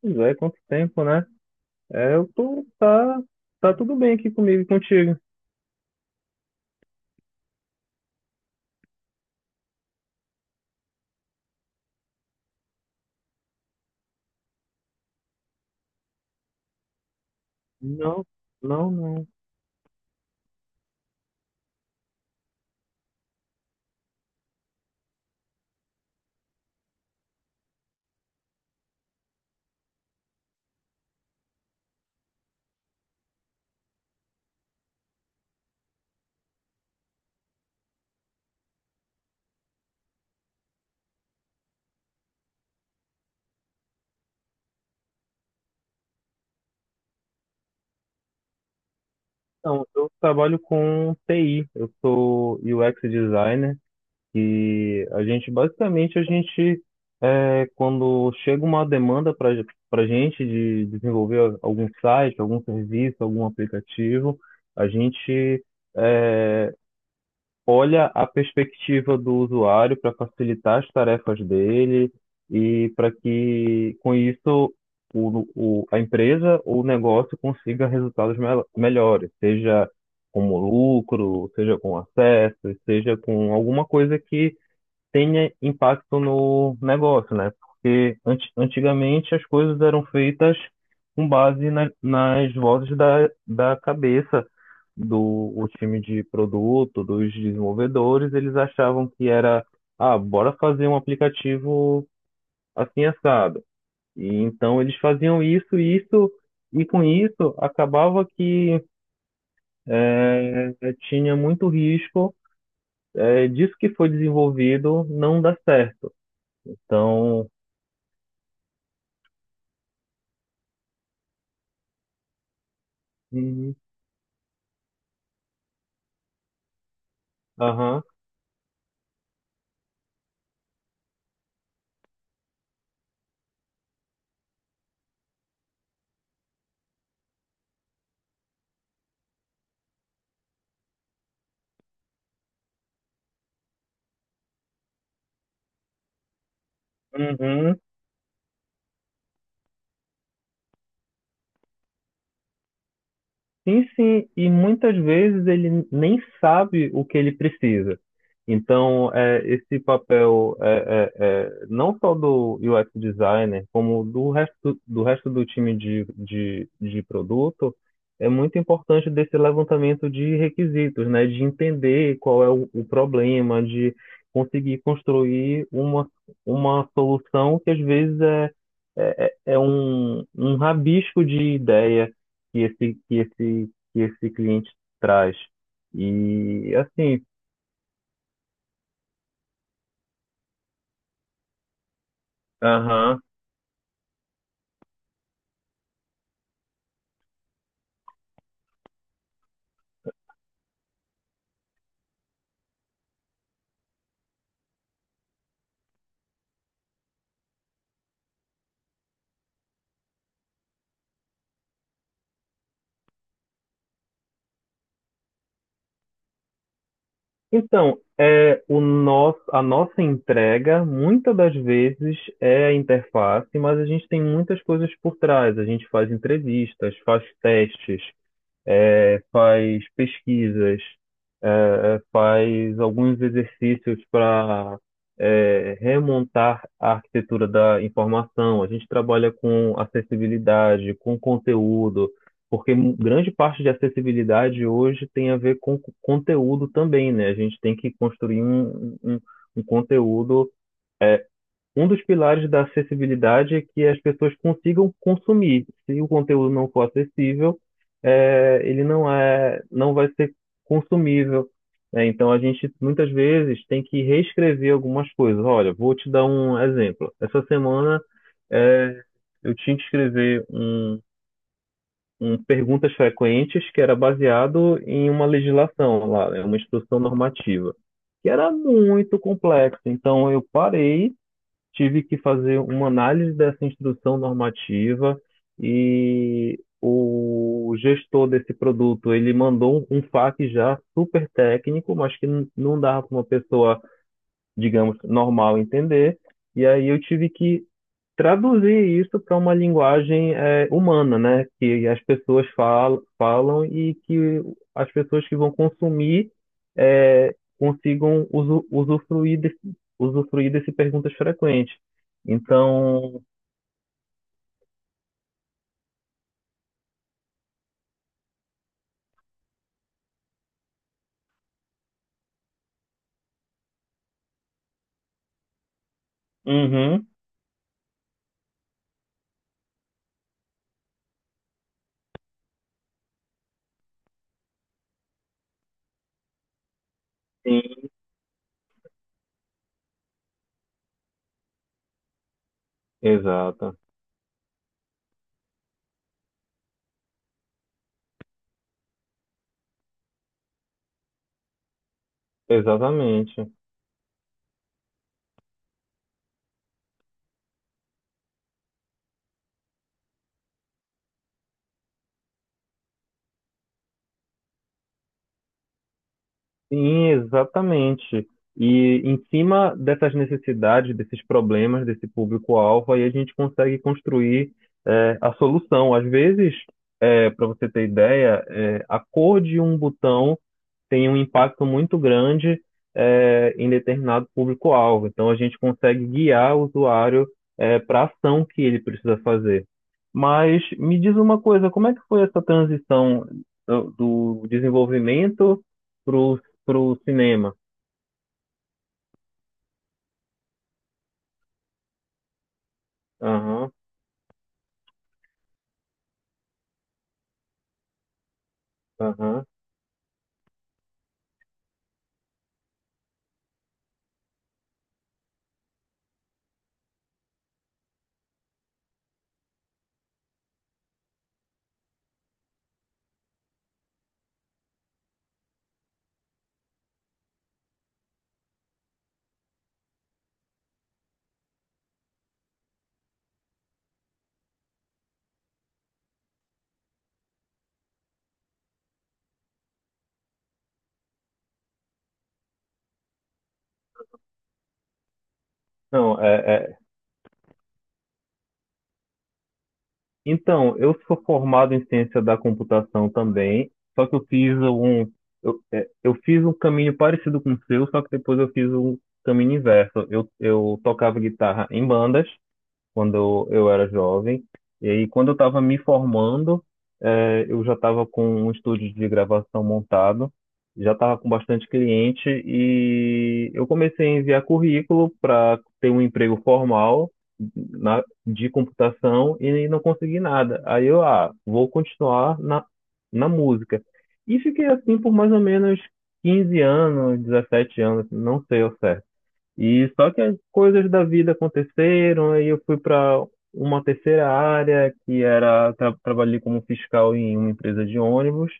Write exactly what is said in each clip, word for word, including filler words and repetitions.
Pois é, quanto tempo, né? É, eu tô, tá, tá tudo bem aqui comigo e contigo. Não, não, não. Então, eu trabalho com T I, eu sou U X designer e a gente, basicamente, a gente, é, quando chega uma demanda para para gente de desenvolver algum site, algum serviço, algum aplicativo, a gente é, olha a perspectiva do usuário para facilitar as tarefas dele e para que, com isso, o, o, a empresa ou o negócio consiga resultados mel- melhores, seja como lucro, seja com acesso, seja com alguma coisa que tenha impacto no negócio, né? Porque anti- antigamente as coisas eram feitas com base na- nas vozes da, da cabeça do o time de produto, dos desenvolvedores. Eles achavam que era, ah, bora fazer um aplicativo assim assado. E então eles faziam isso, isso, e com isso acabava que eh, tinha muito risco eh, disso que foi desenvolvido não dar certo. Então, uhum. Aham. Uhum. Sim, sim, e muitas vezes ele nem sabe o que ele precisa. Então, é, esse papel é, é, é, não só do U X designer, como do resto do resto do time de, de, de produto. É muito importante desse levantamento de requisitos, né? De entender qual é o, o problema, de conseguir construir uma, uma solução que às vezes é, é, é é um, um rabisco de ideia que esse, que esse, que esse cliente traz. E assim, aham. Então, é, o nosso, a nossa entrega, muitas das vezes, é a interface, mas a gente tem muitas coisas por trás. A gente faz entrevistas, faz testes, eh, faz pesquisas, eh, faz alguns exercícios para remontar a arquitetura da informação. A gente trabalha com acessibilidade, com conteúdo, porque mu- grande parte de acessibilidade hoje tem a ver com co- conteúdo também, né? A gente tem que construir um, um, um conteúdo. Um dos pilares da acessibilidade é que as pessoas consigam consumir. Se o conteúdo não for acessível, eh, ele não é, não vai ser consumível, né? Então a gente muitas vezes tem que reescrever algumas coisas. Olha, vou te dar um exemplo. Essa semana eh, eu tinha que escrever um, um perguntas frequentes que era baseado em uma legislação lá, né, uma instrução normativa, que era muito complexo. Então eu parei, tive que fazer uma análise dessa instrução normativa, e o gestor desse produto, ele mandou um F A Q já super técnico, mas que não dava para uma pessoa, digamos, normal entender. E aí eu tive que traduzir isso para uma linguagem é, humana, né? Que as pessoas falam, falam, e que as pessoas que vão consumir é, consigam usu- usufruir desse, usufruir desse perguntas frequentes. Então, uhum, sim, exata, exatamente. Sim, exatamente. E em cima dessas necessidades, desses problemas, desse público-alvo, aí a gente consegue construir é, a solução. Às vezes, para você ter ideia, é, a cor de um botão tem um impacto muito grande é, em determinado público-alvo. Então, a gente consegue guiar o usuário é, para a ação que ele precisa fazer. Mas me diz uma coisa, como é que foi essa transição do, do desenvolvimento para o cinema? Aham, aham. Não, é, é, Então, eu sou formado em ciência da computação também, só que eu fiz um, eu, é, eu fiz um caminho parecido com o seu, só que depois eu fiz um caminho inverso. Eu, eu tocava guitarra em bandas, quando eu era jovem. E aí, quando eu estava me formando, eh, eu já estava com um estúdio de gravação montado, já estava com bastante cliente e eu comecei a enviar currículo para ter um emprego formal na, de computação e não consegui nada. Aí eu, ah, vou continuar na, na música. E fiquei assim por mais ou menos quinze anos, dezessete anos, não sei ao certo. E só que as coisas da vida aconteceram, aí eu fui para uma terceira área, que era, tra trabalhei como fiscal em uma empresa de ônibus.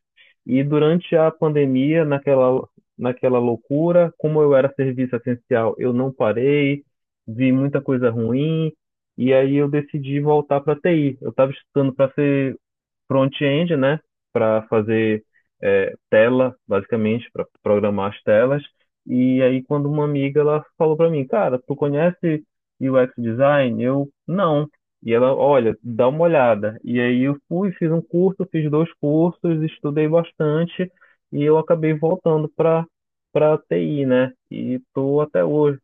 E durante a pandemia, naquela, naquela loucura, como eu era serviço essencial, eu não parei, vi muita coisa ruim, e aí eu decidi voltar para T I. Eu estava estudando para front-end, né, para fazer é, tela, basicamente, para programar as telas. E aí, quando uma amiga ela falou para mim, cara, tu conhece U X design? Eu, não. E ela, olha, dá uma olhada. E aí eu fui, fiz um curso, fiz dois cursos, estudei bastante e eu acabei voltando para para T I, né? E tô até hoje.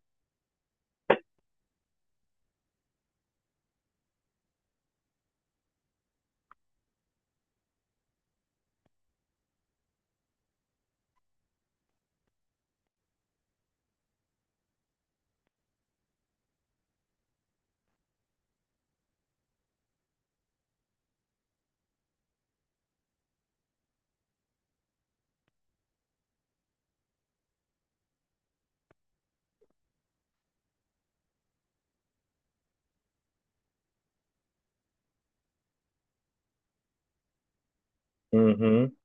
Uhum.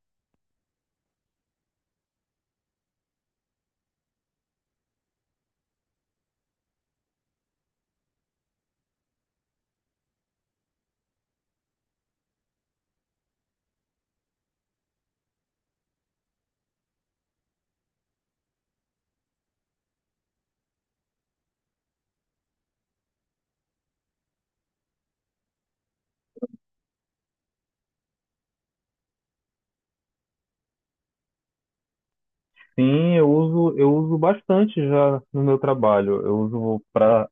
Sim, eu uso, eu uso bastante já no meu trabalho. Eu uso para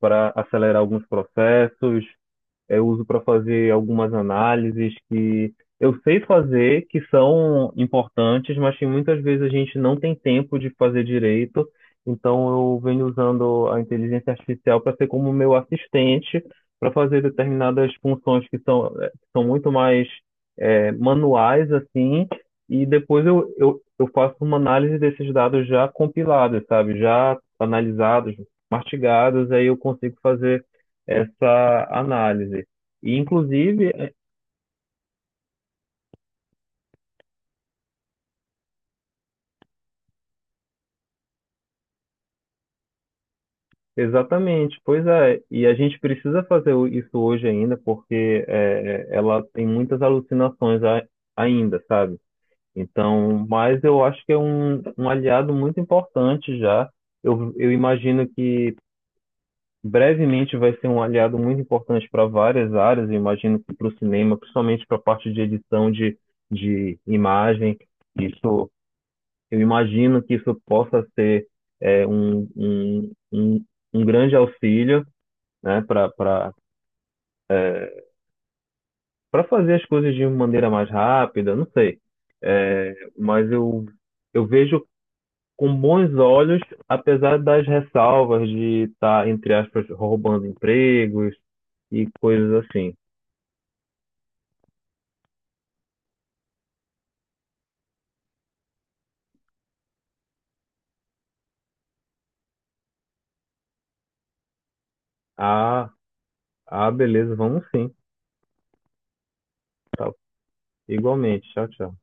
para acelerar alguns processos, é, eu uso para fazer algumas análises que eu sei fazer, que são importantes, mas que muitas vezes a gente não tem tempo de fazer direito. Então eu venho usando a inteligência artificial para ser como meu assistente para fazer determinadas funções que são, é, que são muito mais é, manuais assim. E depois eu, eu, eu faço uma análise desses dados já compilados, sabe? Já analisados, mastigados, aí eu consigo fazer essa análise. E, inclusive, exatamente, pois é, e a gente precisa fazer o- isso hoje ainda, porque é, é, ela tem muitas alucinações a- ainda, sabe? Então, mas eu acho que é um, um aliado muito importante já. Eu, eu imagino que brevemente vai ser um aliado muito importante para várias áreas. Eu imagino que para o cinema, principalmente para a parte de edição de, de imagem, isso, eu imagino que isso possa ser é, um, um, um, um grande auxílio, né, para para fazer as coisas de uma maneira mais rápida, não sei. É, mas eu, eu vejo com bons olhos, apesar das ressalvas de estar, entre aspas, roubando empregos e coisas assim. Ah, ah, beleza, vamos sim. Tá. Igualmente. Tchau, tchau.